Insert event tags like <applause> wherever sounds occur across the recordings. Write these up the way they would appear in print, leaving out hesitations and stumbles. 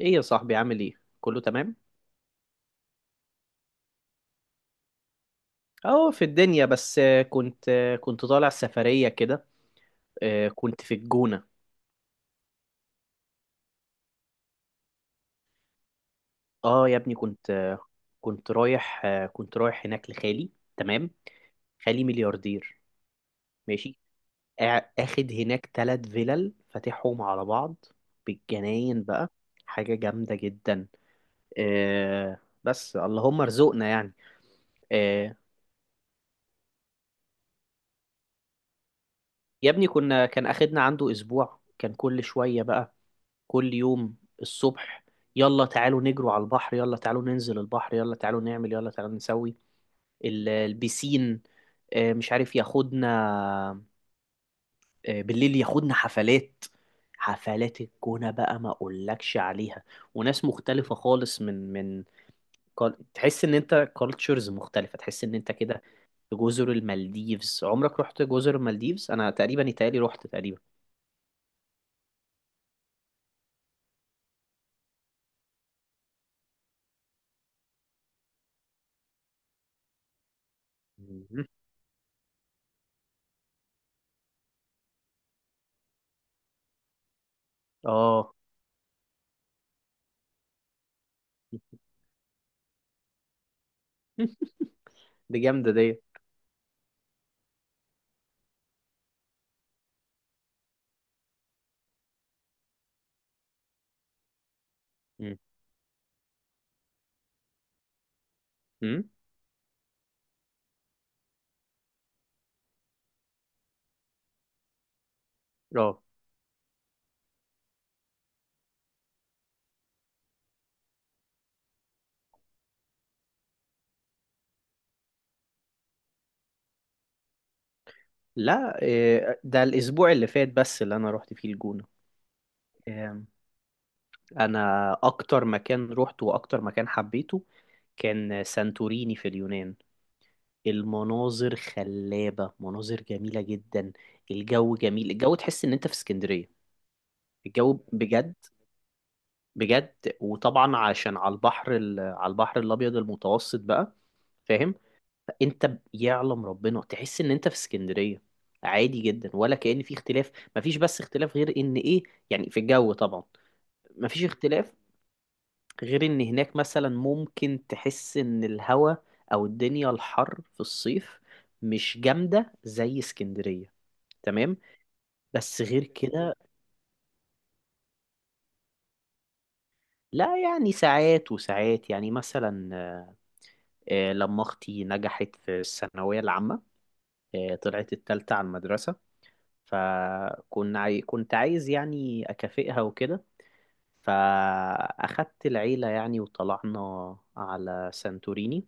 ايه يا صاحبي عامل ايه؟ كله تمام. اه، في الدنيا بس، كنت طالع سفرية كده. كنت في الجونة. اه، يا ابني، كنت آه، كنت رايح آه، كنت رايح هناك لخالي. تمام. خالي ملياردير. ماشي. اخد هناك 3 فيلل فاتحهم على بعض بالجناين بقى. حاجة جامدة جدا. آه، بس اللهم ارزقنا يعني. آه، يا ابني، كنا كان اخدنا عنده اسبوع، كان كل شوية بقى. كل يوم الصبح: يلا تعالوا نجروا على البحر، يلا تعالوا ننزل البحر، يلا تعالوا نعمل، يلا تعالوا نسوي. البسين. مش عارف ياخدنا، بالليل ياخدنا حفلات. حفلات الجونة بقى ما اقولكش عليها. وناس مختلفة خالص تحس ان انت كالتشرز مختلفة، تحس ان انت كده. في جزر المالديفز، عمرك رحت جزر المالديفز؟ انا تقريبا يتهيألي رحت تقريبا. مم. اه. <laughs> دي جامدة دي. مم. مم. اه. لا، إيه، ده الأسبوع اللي فات بس اللي أنا روحت فيه الجونة. إيه، أنا أكتر مكان روحته وأكتر مكان حبيته كان سانتوريني في اليونان. المناظر خلابة، مناظر جميلة جدا. الجو جميل، الجو تحس إن أنت في اسكندرية. الجو بجد، بجد. وطبعا عشان على البحر، على البحر الأبيض المتوسط بقى. فاهم؟ انت يعلم ربنا تحس ان انت في اسكندرية، عادي جدا، ولا كأن في اختلاف. مفيش، بس اختلاف، غير ان ايه، يعني في الجو طبعا. مفيش اختلاف غير ان هناك مثلا ممكن تحس ان الهوا، او الدنيا، الحر في الصيف مش جامدة زي اسكندرية. تمام. بس غير كده، لا، يعني ساعات وساعات، يعني مثلا لما اختي نجحت في الثانوية العامة، طلعت التالتة على المدرسة. فكنت كنت عايز يعني أكافئها وكده، فأخدت العيلة يعني وطلعنا على سانتوريني.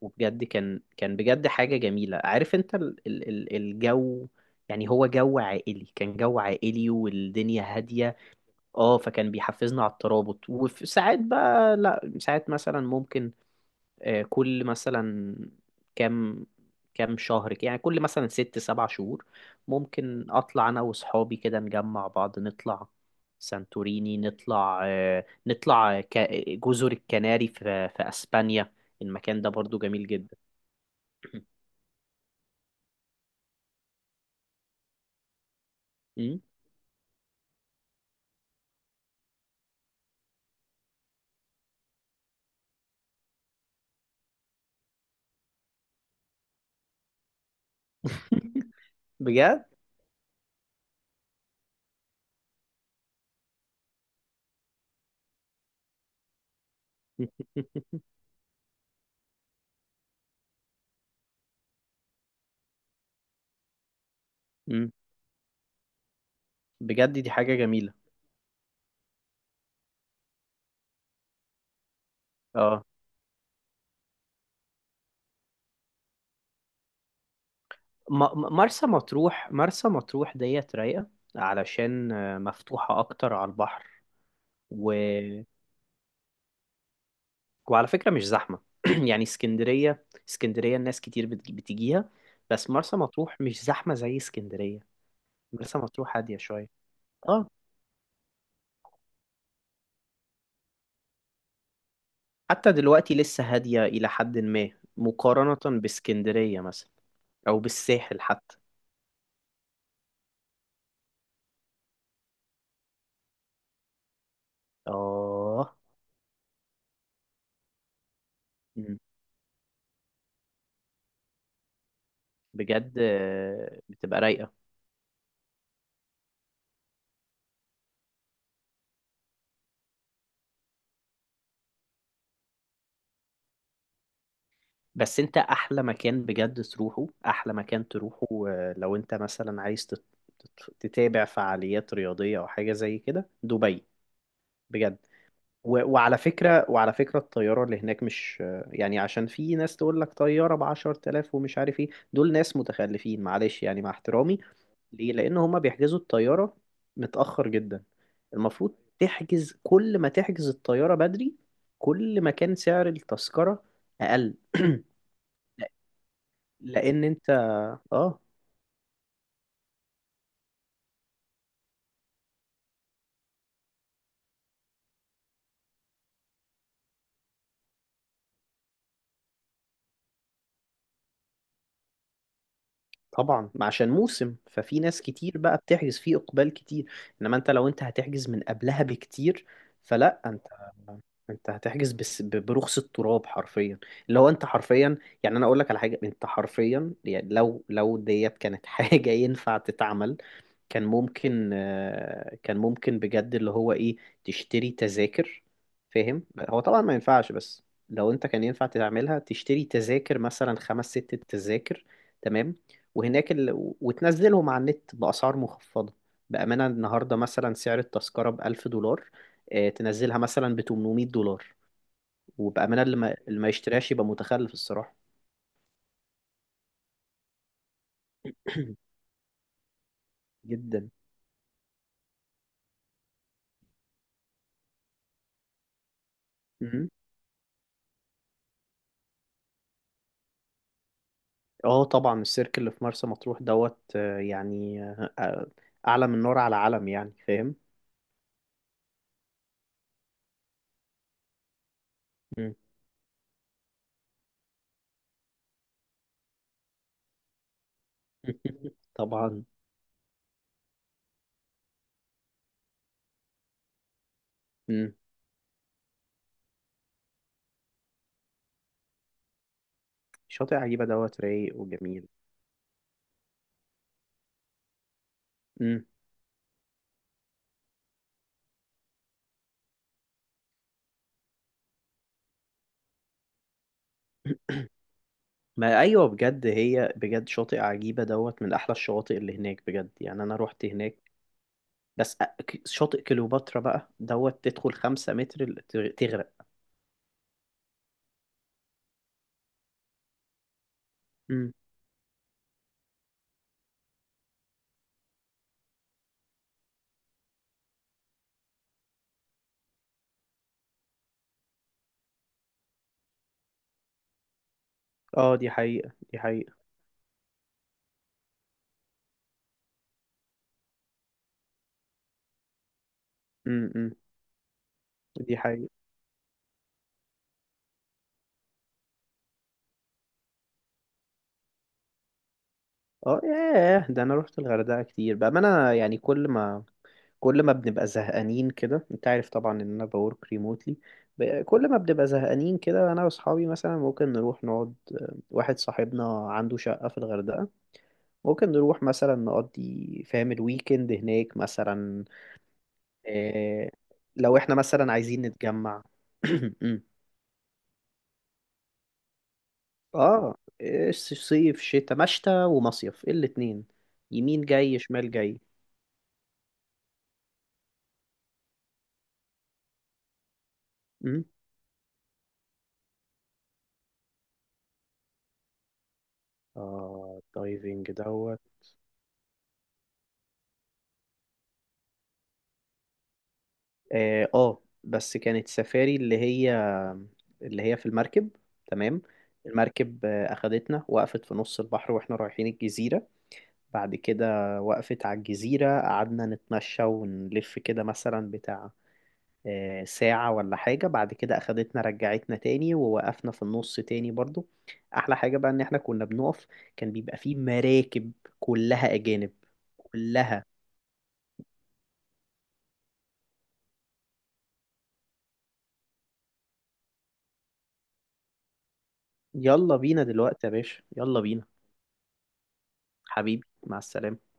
وبجد كان بجد حاجة جميلة. عارف انت الجو، يعني هو جو عائلي، كان جو عائلي والدنيا هادية. اه، فكان بيحفزنا على الترابط. وفي ساعات بقى، لا، ساعات مثلا ممكن كل مثلا كام كام شهر كده، يعني كل مثلا 6 7 شهور. ممكن اطلع انا واصحابي كده، نجمع بعض، نطلع سانتوريني، نطلع جزر الكناري في اسبانيا. المكان ده برضو جميل جدا. <laughs> مم. <laughs> بجد. <laughs> مم. بجد، دي حاجة جميلة. اه. مرسى مطروح ديت رايقة، علشان مفتوحة اكتر على البحر. وعلى فكرة مش زحمة. <clears throat> يعني اسكندرية، الناس كتير بتجيها. بس مرسى مطروح مش زحمة زي اسكندرية. مرسى مطروح هادية شوية. اه. حتى دلوقتي لسه هادية إلى حد ما، مقارنة باسكندرية مثلا، أو بالساحل حتى. اه. مم. بجد بتبقى رايقة. بس انت احلى مكان بجد تروحه، احلى مكان تروحه، لو انت مثلا عايز تتابع فعاليات رياضية او حاجة زي كده: دبي. بجد. وعلى فكرة الطيارة اللي هناك، مش يعني، عشان في ناس تقول لك طيارة بـ10 تلاف، ومش عارف ايه دول، ناس متخلفين، معلش يعني، مع احترامي. ليه؟ لأن هما بيحجزوا الطيارة متأخر جدا. المفروض تحجز، كل ما تحجز الطيارة بدري، كل ما كان سعر التذكرة أقل. <clears throat> لأن أنت. اه. طبعا، ما عشان موسم، ففي ناس كتير بقى بتحجز فيه، اقبال كتير. انما انت، لو انت هتحجز من قبلها بكتير، فلا انت هتحجز بس برخص التراب حرفيا، اللي هو انت حرفيا. يعني انا اقول لك على حاجه، انت حرفيا، يعني لو ديت كانت <laughs> حاجه ينفع تتعمل، كان ممكن بجد اللي هو ايه، تشتري تذاكر. فاهم؟ هو طبعا ما ينفعش، بس لو انت كان ينفع تعملها، تشتري تذاكر مثلا 5 6 تذاكر. تمام. وهناك ال... وتنزلهم على النت بأسعار مخفضة. بأمانة النهاردة مثلا سعر التذكرة بـ1000 دولار، تنزلها مثلا بـ800 دولار. وبأمانة، اللي ما يشتريهاش يبقى متخلف الصراحة. <clears throat> جدا. اه، طبعا السيرك اللي في مرسى مطروح دوت، اعلى من نار على علم يعني. فاهم؟ مم. <laughs> طبعا. مم. شاطئ عجيبة دوت رايق وجميل. مم. ما ايوه، بجد، هي بجد شاطئ عجيبة دوت من احلى الشواطئ اللي هناك، بجد يعني انا روحت هناك. بس شاطئ كليوباترا بقى دوت تدخل 5 متر تغرق. مم. اه، دي حقيقة، دي حقيقة. مم. مم. دي حقيقة. اه، ياه، ده انا روحت الغردقة كتير بقى. ما انا يعني كل ما بنبقى زهقانين كده، انت عارف طبعا ان انا بورك ريموتلي. كل ما بنبقى زهقانين كده، انا واصحابي مثلا ممكن نروح نقعد. واحد صاحبنا عنده شقة في الغردقة، ممكن نروح مثلا نقضي، فاهم، الويكند هناك مثلا. اه. لو احنا مثلا عايزين نتجمع. <clears throat> اه. إيه، صيف شتاء، مشتى ومصيف الاتنين، يمين جاي شمال جاي. م؟ اه، الدايفنج دوت. اه. بس كانت سفاري اللي هي في المركب. تمام. المركب أخدتنا، وقفت في نص البحر واحنا رايحين الجزيرة. بعد كده وقفت على الجزيرة، قعدنا نتمشى ونلف كده مثلا، بتاع ساعة ولا حاجة. بعد كده أخدتنا، رجعتنا تاني ووقفنا في النص تاني برضو. أحلى حاجة بقى إن احنا كنا بنقف. كان بيبقى فيه مراكب كلها أجانب، كلها. يلا بينا دلوقتي يا باشا، يلا بينا. حبيبي، مع السلامة.